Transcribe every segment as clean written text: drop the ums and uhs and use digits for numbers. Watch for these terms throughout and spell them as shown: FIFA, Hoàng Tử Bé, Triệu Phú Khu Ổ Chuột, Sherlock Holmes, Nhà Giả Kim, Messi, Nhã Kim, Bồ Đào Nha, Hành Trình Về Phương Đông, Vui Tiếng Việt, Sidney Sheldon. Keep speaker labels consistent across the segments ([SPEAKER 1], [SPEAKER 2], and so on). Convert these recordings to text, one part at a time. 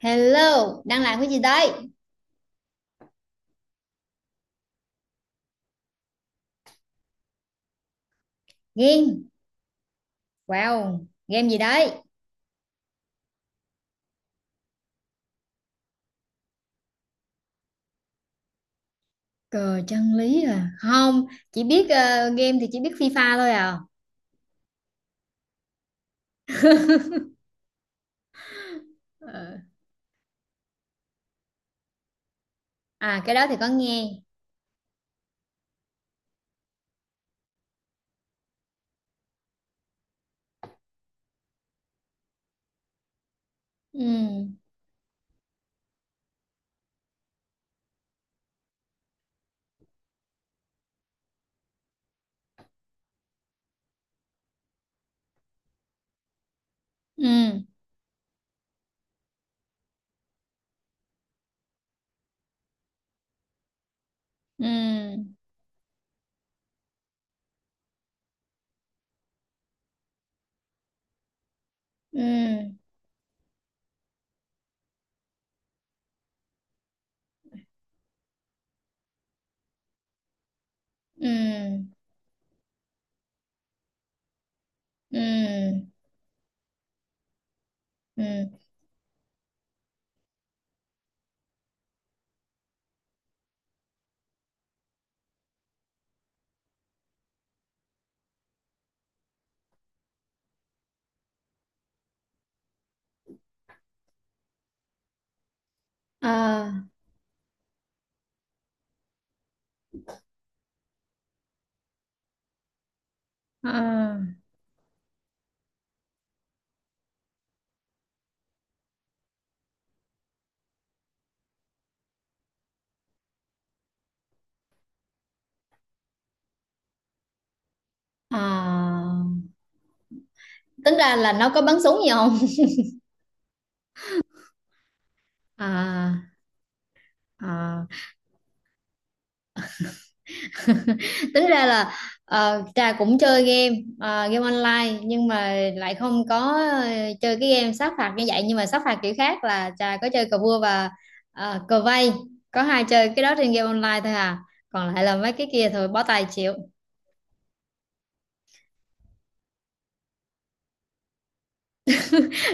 [SPEAKER 1] Hello, đang làm cái gì đấy? Game. Wow, game gì đấy? Cờ chân lý à? Không, chỉ biết game thì chỉ biết FIFA thôi à. Ờ. À, cái đó thì có nghe. Ừ, ừ, ừ, ừ, ừ, ừ, ừ. Ờ, ờ, ờ. Tính ra là nó có bắn súng gì không? À, à. Tính ra là Trà cũng chơi game, game online, nhưng mà lại không có, ờ, chơi cái game sát phạt như vậy. Nhưng mà sát phạt kiểu khác là Trà có chơi cờ vua và cờ vây, có hai chơi cái đó trên game online thôi à, còn lại là mấy cái kia thôi bó tay chịu.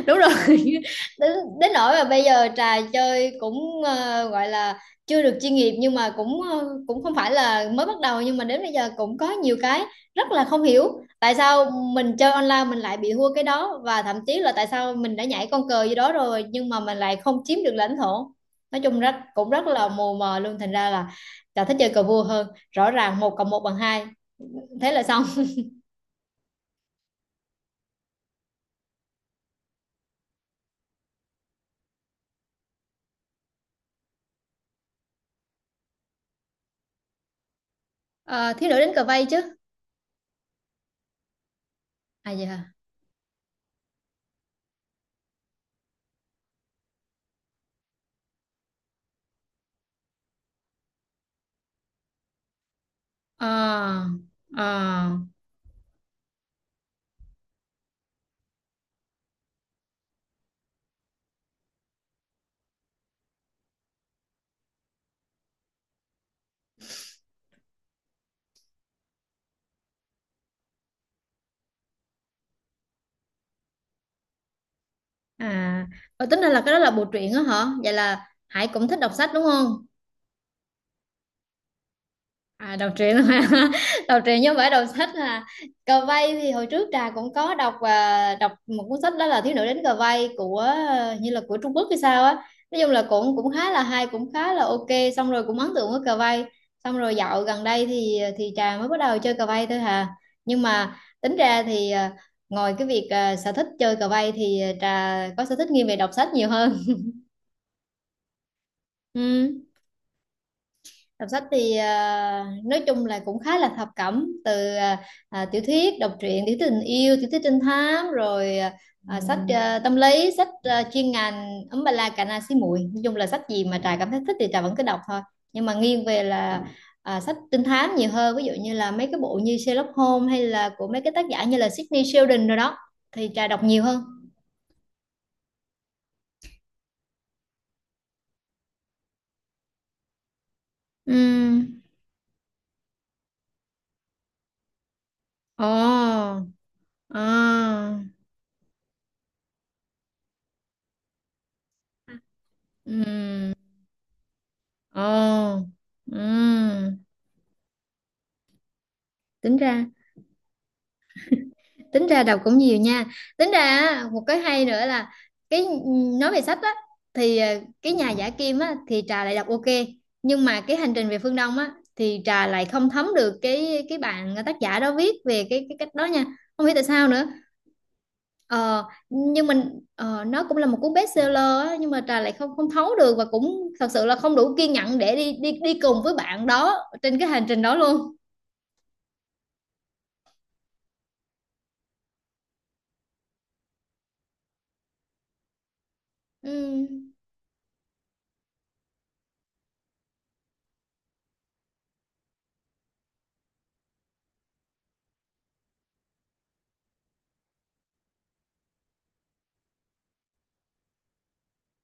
[SPEAKER 1] Đúng rồi. Đến, đến nỗi mà bây giờ trà chơi cũng gọi là chưa được chuyên nghiệp, nhưng mà cũng cũng không phải là mới bắt đầu, nhưng mà đến bây giờ cũng có nhiều cái rất là không hiểu tại sao mình chơi online mình lại bị thua cái đó, và thậm chí là tại sao mình đã nhảy con cờ gì đó rồi nhưng mà mình lại không chiếm được lãnh thổ. Nói chung rất cũng rất là mù mờ luôn, thành ra là trà thích chơi cờ vua hơn. Rõ ràng một cộng một bằng hai, thế là xong. Ờ, thiếu nữ đánh cờ vây chứ. À dạ. À, à. À, tính ra là cái đó là bộ truyện á hả? Vậy là Hải cũng thích đọc sách đúng không? À, đọc truyện mà. Đọc truyện chứ không phải đọc sách à. Cờ vây thì hồi trước Trà cũng có đọc, và đọc một cuốn sách đó là Thiếu nữ đến cờ vây của như là của Trung Quốc hay sao á. Nói chung là cũng cũng khá là hay, cũng khá là ok. Xong rồi cũng ấn tượng với cờ vây. Xong rồi dạo gần đây thì Trà mới bắt đầu chơi cờ vây thôi hà. Nhưng mà tính ra thì ngoài cái việc sở thích chơi cờ vây thì Trà có sở thích nghiêng về đọc sách nhiều hơn. Ừ. Đọc sách thì nói chung là cũng khá là thập cẩm từ tiểu thuyết, đọc truyện, tiểu thuyết tình yêu, tiểu thuyết trinh thám, rồi sách tâm lý, sách chuyên ngành ấm ba la cà na xí muội. Nói chung là sách gì mà Trà cảm thấy thích thì Trà vẫn cứ đọc thôi. Nhưng mà nghiêng về là sách trinh thám nhiều hơn, ví dụ như là mấy cái bộ như Sherlock Holmes, hay là của mấy cái tác giả như là Sidney Sheldon rồi đó, thì Trà đọc nhiều hơn. Ừ. Ồ. À. Ừ. Ồ. Ừ. tính ra tính ra đọc cũng nhiều nha. Tính ra á, một cái hay nữa là cái nói về sách á, thì cái nhà giả kim á thì trà lại đọc ok, nhưng mà cái hành trình về phương Đông á thì trà lại không thấm được cái bạn tác giả đó viết về cái cách đó nha. Không biết tại sao nữa. ờ, nhưng mình nó cũng là một cuốn bestseller á, nhưng mà trà lại không không thấu được, và cũng thật sự là không đủ kiên nhẫn để đi đi đi cùng với bạn đó trên cái hành trình đó luôn. ừ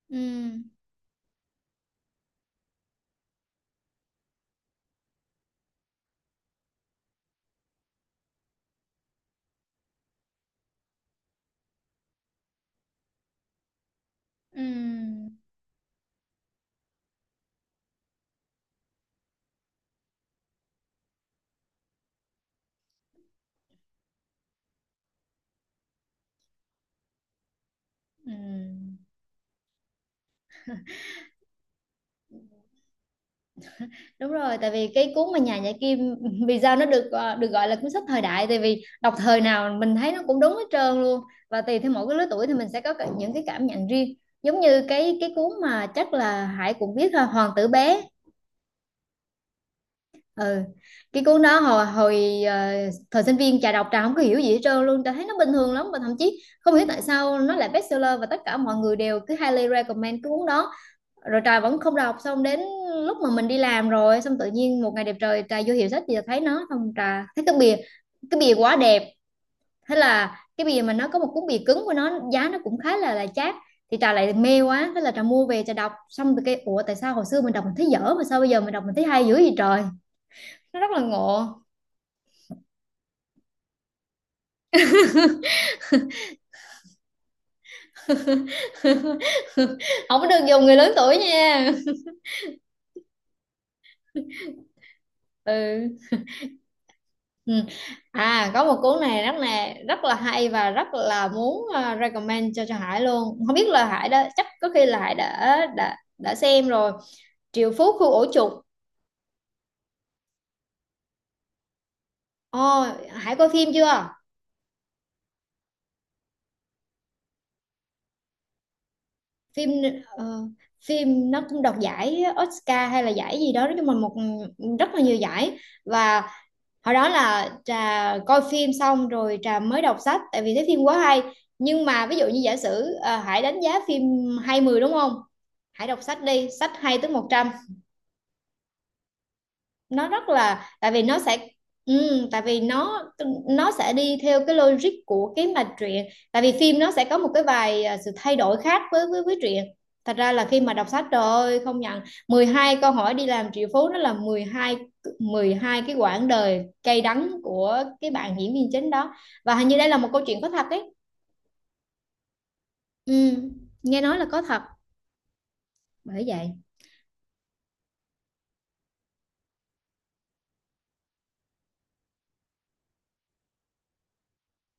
[SPEAKER 1] ừ ừ ừ ừ Đúng rồi, tại vì cái cuốn mà Nhà Nhã Kim, vì sao nó được được gọi là cuốn sách thời đại, tại vì đọc thời nào mình thấy nó cũng đúng hết trơn luôn, và tùy theo mỗi cái lứa tuổi thì mình sẽ có những cái cảm nhận riêng. Giống như cái cuốn mà chắc là Hải cũng biết ha, Hoàng tử bé. Ừ. Cái cuốn đó hồi hồi thời sinh viên trà đọc, trà không có hiểu gì hết trơn luôn, trà thấy nó bình thường lắm, và thậm chí không hiểu tại sao nó lại bestseller và tất cả mọi người đều cứ highly recommend cái cuốn đó. Rồi Trà vẫn không đọc, xong đến lúc mà mình đi làm rồi, xong tự nhiên một ngày đẹp trời Trà vô hiệu sách thì thấy nó, xong Trà thấy cái bìa, cái bìa quá đẹp, thế là cái bìa mà nó có một cuốn bìa cứng của nó giá nó cũng khá là chát, thì Trà lại mê quá, thế là Trà mua về, Trà đọc xong rồi cái ủa tại sao hồi xưa mình đọc mình thấy dở mà sao bây giờ mình đọc mình thấy hay dữ vậy trời, nó rất là ngộ. Không có được dùng người lớn tuổi nha. Ừ. Ừ. À, có một cuốn này rất là hay, và rất là muốn recommend cho Hải luôn. Không biết là Hải đã, chắc có khi là Hải đã đã xem rồi. Triệu Phú Khu Ổ Chuột. Ồ, Hải coi phim chưa? Phim, ờ, phim nó cũng đoạt giải Oscar hay là giải gì đó, nói chung là một rất là nhiều giải, và hồi đó là trà coi phim xong rồi trà mới đọc sách, tại vì thấy phim quá hay. Nhưng mà ví dụ như giả sử Hải đánh giá phim hay 10 đúng không, Hải đọc sách đi, sách hay tới 100. Nó rất là, tại vì nó sẽ, ừ, tại vì nó sẽ đi theo cái logic của cái mạch truyện, tại vì phim nó sẽ có một cái vài sự thay đổi khác với với truyện. Thật ra là khi mà đọc sách trời ơi không nhận, 12 câu hỏi đi làm triệu phú, nó là 12 cái quãng đời cay đắng của cái bạn diễn viên chính đó, và hình như đây là một câu chuyện có thật ấy. Ừ, nghe nói là có thật. Bởi vậy.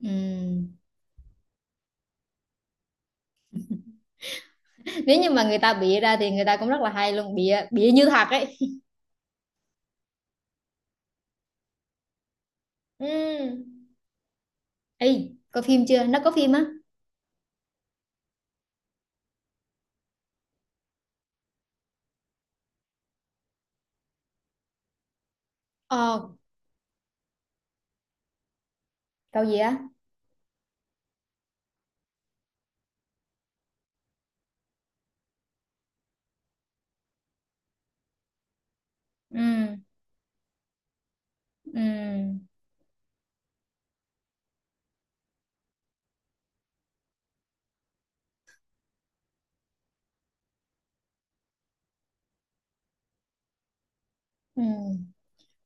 [SPEAKER 1] Ừ. Nếu như mà người ta bịa ra thì người ta cũng rất là hay luôn, bịa bịa như thật ấy. Ừ. Ê, coi phim chưa? Nó có phim á? Ờ, cậu gì á? Ừ, ừ, ừ.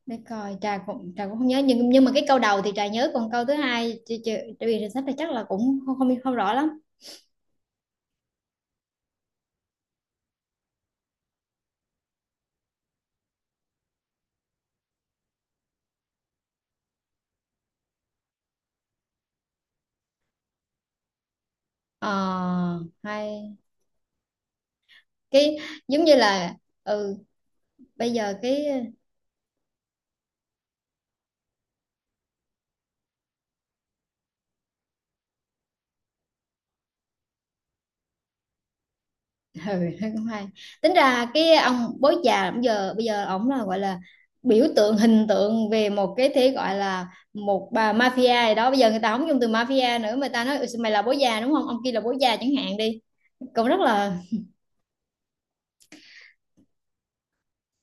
[SPEAKER 1] Để coi, trà cũng không nhớ. Nhưng mà cái câu đầu thì trà nhớ, còn câu thứ hai, trừ vì sách thì chắc là cũng không rõ lắm. Ờ, hay. Cái, giống như là, ừ, bây giờ cái, ừ. Nó cũng hay. Tính ra cái ông bố già, bây giờ ổng là gọi là biểu tượng, hình tượng về một cái thế gọi là một bà mafia gì đó. Bây giờ người ta không dùng từ mafia nữa mà ta nói "Ừ, mày là bố già đúng không, ông kia là bố già chẳng hạn đi. Cũng rất là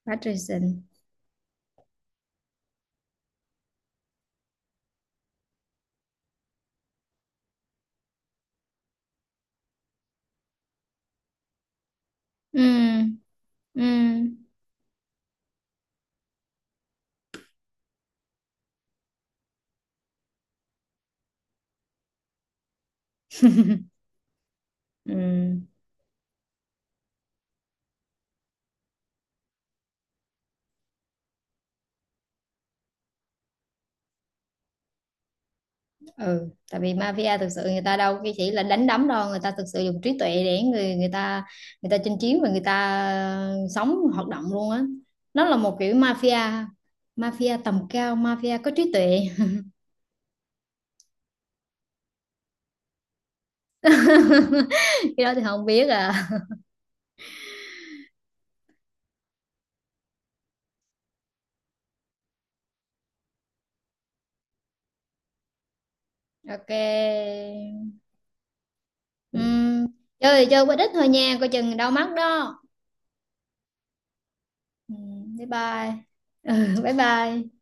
[SPEAKER 1] Patrician. ừ ừ ừ ừ Tại vì mafia thực sự người ta đâu cái chỉ là đánh đấm đâu, người ta thực sự dùng trí tuệ để người người ta, người ta chinh chiến và người ta sống hoạt động luôn á. Nó là một kiểu mafia, mafia tầm cao, mafia có trí tuệ. Cái đó thì không biết à. Ok. Ừm, chơi thì chơi quá ít thôi nha, coi chừng đau mắt đó. Bye bye. Ừ, bye bye.